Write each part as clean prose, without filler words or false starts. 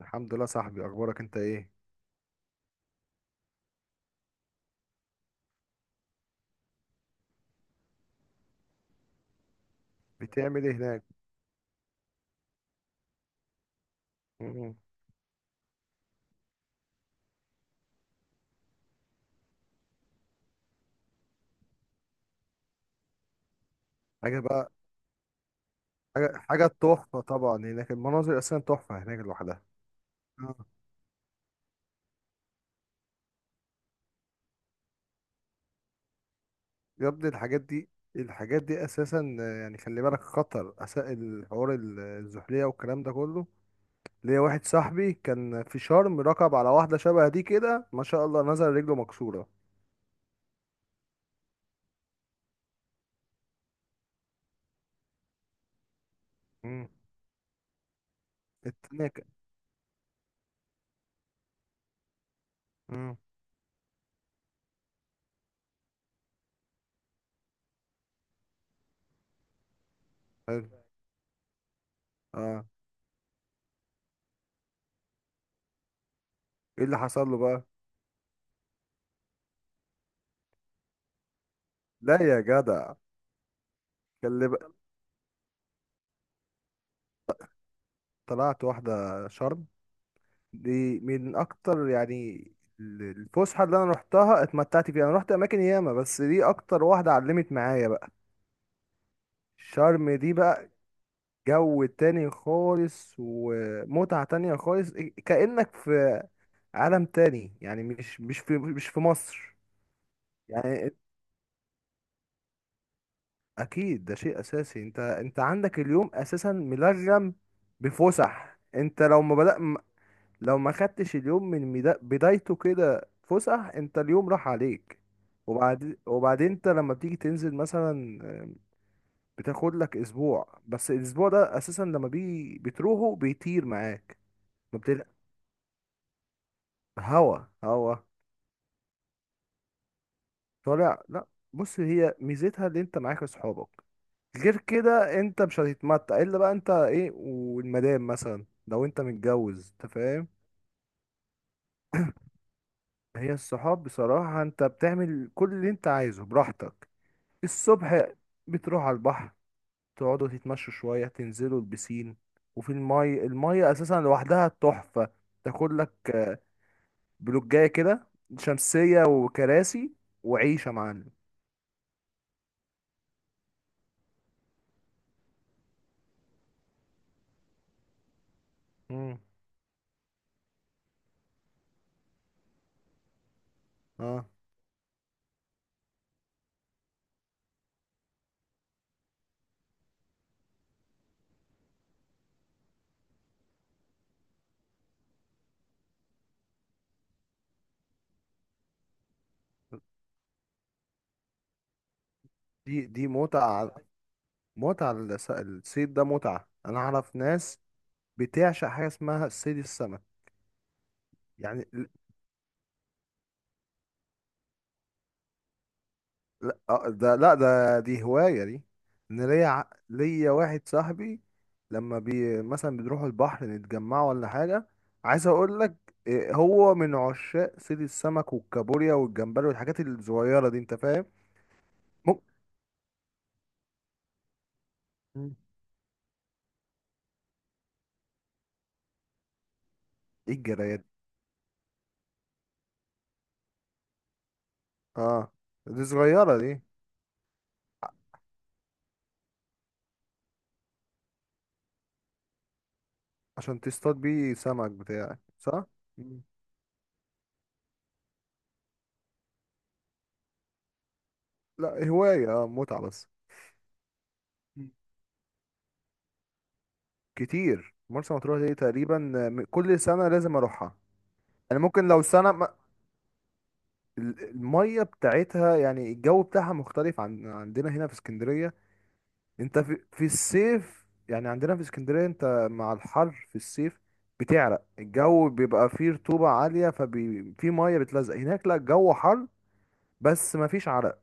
الحمد لله، صاحبي. اخبارك انت ايه؟ بتعمل ايه هناك؟ مم. حاجه بقى. حاجه حاجه تحفه طبعا، هناك المناظر اساسا تحفه هناك لوحدها. آه. يا ابني، الحاجات دي اساسا، يعني خلي بالك، خطر اساء الحوار الزحليه والكلام ده كله. ليا واحد صاحبي كان في شرم، ركب على واحده شبه دي كده، ما شاء الله، نزل رجله مكسوره. مم. التانية مم. حلو. اه، ايه اللي حصل له بقى؟ لا يا جدع. خلي بقى. طلعت واحده شرم، دي من اكتر يعني الفسحه اللي انا روحتها اتمتعت فيها. انا روحت اماكن ياما، بس دي اكتر واحده علمت معايا بقى. شرم دي بقى جو تاني خالص ومتعه تانية خالص، كأنك في عالم تاني يعني، مش في مصر يعني. اكيد ده شيء اساسي. انت عندك اليوم اساسا ملغم بفسح. انت لو ما بدأ، لو ما خدتش اليوم من بدايته كده فسح، انت اليوم راح عليك. وبعد، وبعدين انت لما بتيجي تنزل مثلا، بتاخد لك اسبوع، بس الاسبوع ده اساسا لما بيجي بتروحه بيطير معاك. ما بتل... هوا هوا. طالع، لا. بص، هي ميزتها اللي انت معاك اصحابك. غير كده انت مش هتتمتع الا بقى انت ايه، والمدام مثلا لو انت متجوز انت فاهم. هي الصحاب بصراحة، انت بتعمل كل اللي انت عايزه براحتك. الصبح بتروح على البحر، تقعدوا تتمشوا شوية، تنزلوا البسين. وفي المية، المية أساسا لوحدها تحفة. تاكل لك، بلوجاية كده، شمسية وكراسي، وعيشة يا معلم. مم. اه، دي متعة. متعة الصيد ده متعة. أنا أعرف ناس بتعشق حاجة اسمها الصيد، السمك يعني. لا، ده لا، ده دي هواية دي. ليا واحد صاحبي، لما مثلا بنروحوا البحر نتجمعوا ولا حاجة، عايز اقول لك هو من عشاق صيد السمك والكابوريا والجمبري والحاجات الصغيرة دي انت فاهم. ممكن. مم. ايه الجرايات دي؟ اه، دي صغيرة دي. عشان تصطاد بيه سمك بتاعك، صح؟ مم. لا، هواية، اه، متعة بس. مم. كتير. مرسى مطروح دي تقريبا، كل سنة لازم اروحها. انا ممكن لو سنة. الميه بتاعتها يعني الجو بتاعها مختلف عن عندنا هنا في اسكندريه. انت في الصيف، يعني عندنا في اسكندريه انت مع الحر في الصيف بتعرق، الجو بيبقى فيه رطوبه عاليه، ففي ميه بتلزق. هناك لا، الجو حر بس مفيش عرق.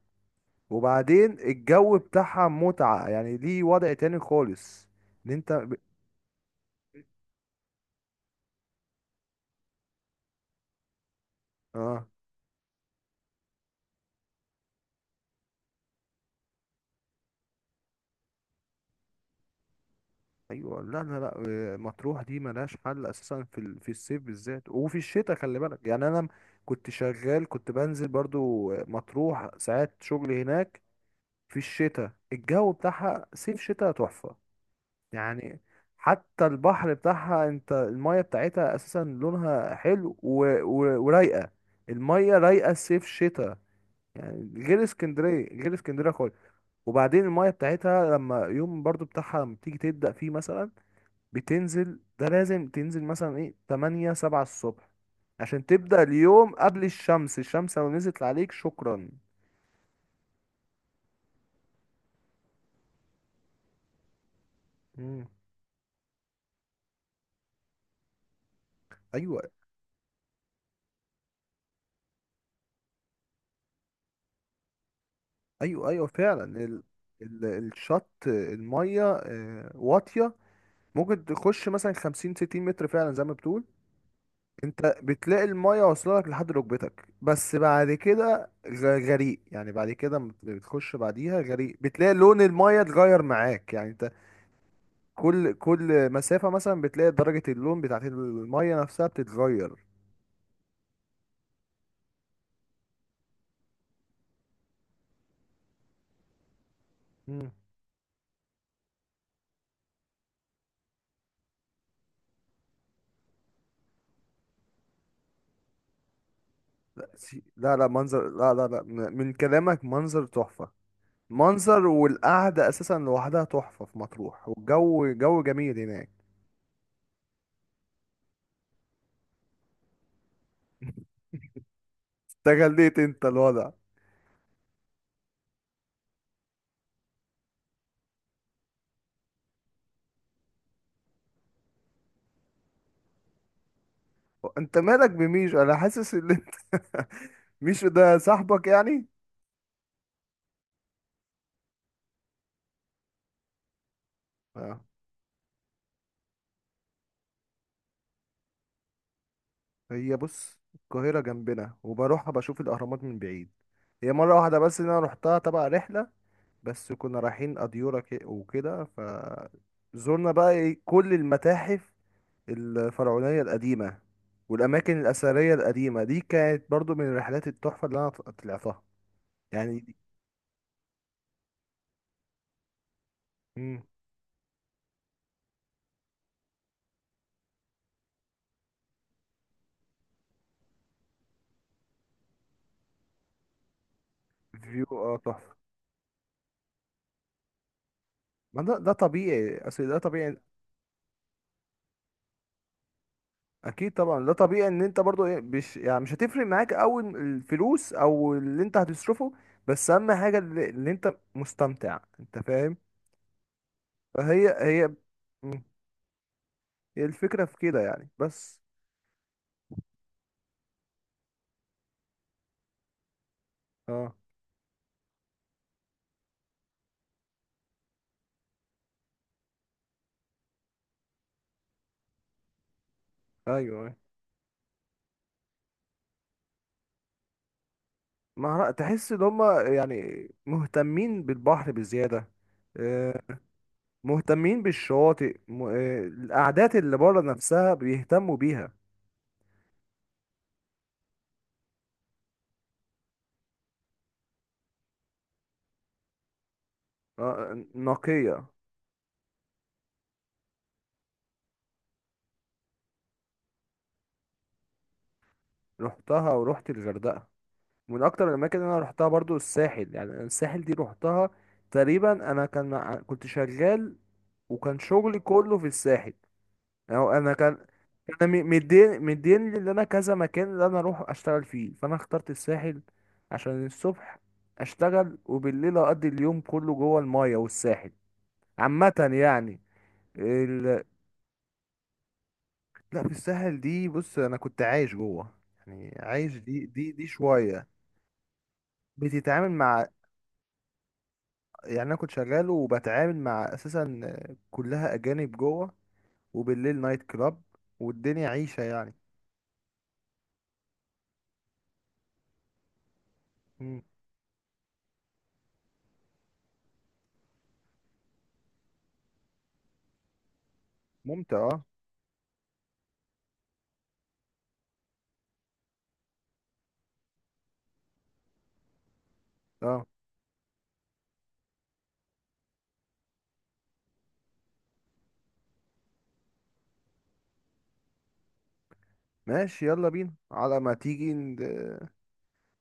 وبعدين الجو بتاعها متعه، يعني ليه وضع تاني خالص. ان انت ب... اه، ايوه، لا لا لا. مطروح دي ملهاش حل اساسا في في الصيف بالذات، وفي الشتاء خلي بالك. يعني انا كنت شغال، كنت بنزل برضو مطروح ساعات شغل هناك. في الشتاء الجو بتاعها صيف شتاء تحفة يعني. حتى البحر بتاعها، انت المية بتاعتها اساسا لونها حلو ورايقة. المية رايقة صيف شتاء، يعني غير اسكندرية، غير اسكندرية خالص. وبعدين المية بتاعتها لما يوم برضو بتاعها لما بتيجي تبدأ فيه مثلا بتنزل، ده لازم تنزل مثلا ايه 8 7 الصبح عشان تبدأ اليوم قبل الشمس، الشمس لو نزلت عليك شكرا. مم. ايوه، ايوه، ايوه، فعلا. الشط الميه واطيه، ممكن تخش مثلا 50 60 متر فعلا زي ما بتقول. انت بتلاقي الميه واصله لك لحد ركبتك، بس بعد كده غريق. يعني بعد كده لما بتخش بعديها غريق، بتلاقي لون الميه اتغير معاك يعني، كل كل مسافة مثلا بتلاقي درجة اللون بتاعت المية نفسها بتتغير. مم. لا لا منظر، لا لا لا م- من كلامك منظر تحفة. منظر والقعدة أساسا لوحدها تحفة في مطروح، والجو جو جميل هناك. استغليت انت الوضع. انت مالك بميشو؟ انا حاسس ان انت ميشو ده صاحبك يعني؟ اه، هي بص القاهرة جنبنا وبروحها بشوف الأهرامات من بعيد. هي مرة واحدة بس إن أنا روحتها تبع رحلة، بس كنا رايحين أديورة وكده، فزورنا بقى كل المتاحف الفرعونية القديمة والأماكن الأثرية القديمة دي، كانت برضو من رحلات التحفة اللي أنا طلعتها يعني دي. مم. فيو، اه، تحفة. ما ده طبيعي، أصل ده طبيعي. أكيد طبعا، ده طبيعي إن أنت برضو، إيه، مش يعني مش هتفرق معاك أوي الفلوس أو اللي أنت هتصرفه، بس أهم حاجة اللي أنت مستمتع، أنت فاهم. فهي هي. مم. هي الفكرة في كده يعني بس. اه، ايوه، أيوة. ما تحس ان هم يعني مهتمين بالبحر بزياده، آه، مهتمين بالشواطئ، القعدات اللي بره نفسها بيهتموا بيها. آه، نقيه. رحتها ورحت الغردقه. من اكتر الاماكن اللي انا رحتها برضو الساحل، يعني الساحل دي رحتها تقريبا. انا كان كنت شغال، وكان شغلي كله في الساحل. أو أنا كان مدين لي إن أنا كذا مكان اللي أنا أروح أشتغل فيه، فأنا اخترت الساحل. عشان الصبح أشتغل وبالليل أقضي اليوم كله جوه الماية والساحل. عامة يعني. ال... لا، في الساحل دي بص انا كنت عايش جوه، يعني عايش، دي شويه. بتتعامل مع، يعني انا كنت شغال وبتعامل مع اساسا كلها اجانب جوه، وبالليل نايت كلاب، والدنيا عيشه يعني. مم. ممتع، اه. اه ماشي، يلا بينا، على ما تيجي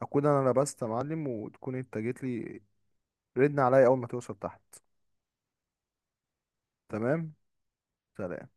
اكون انا لبست يا معلم، وتكون انت جيت لي. ردنا عليا اول ما توصل تحت. تمام، سلام.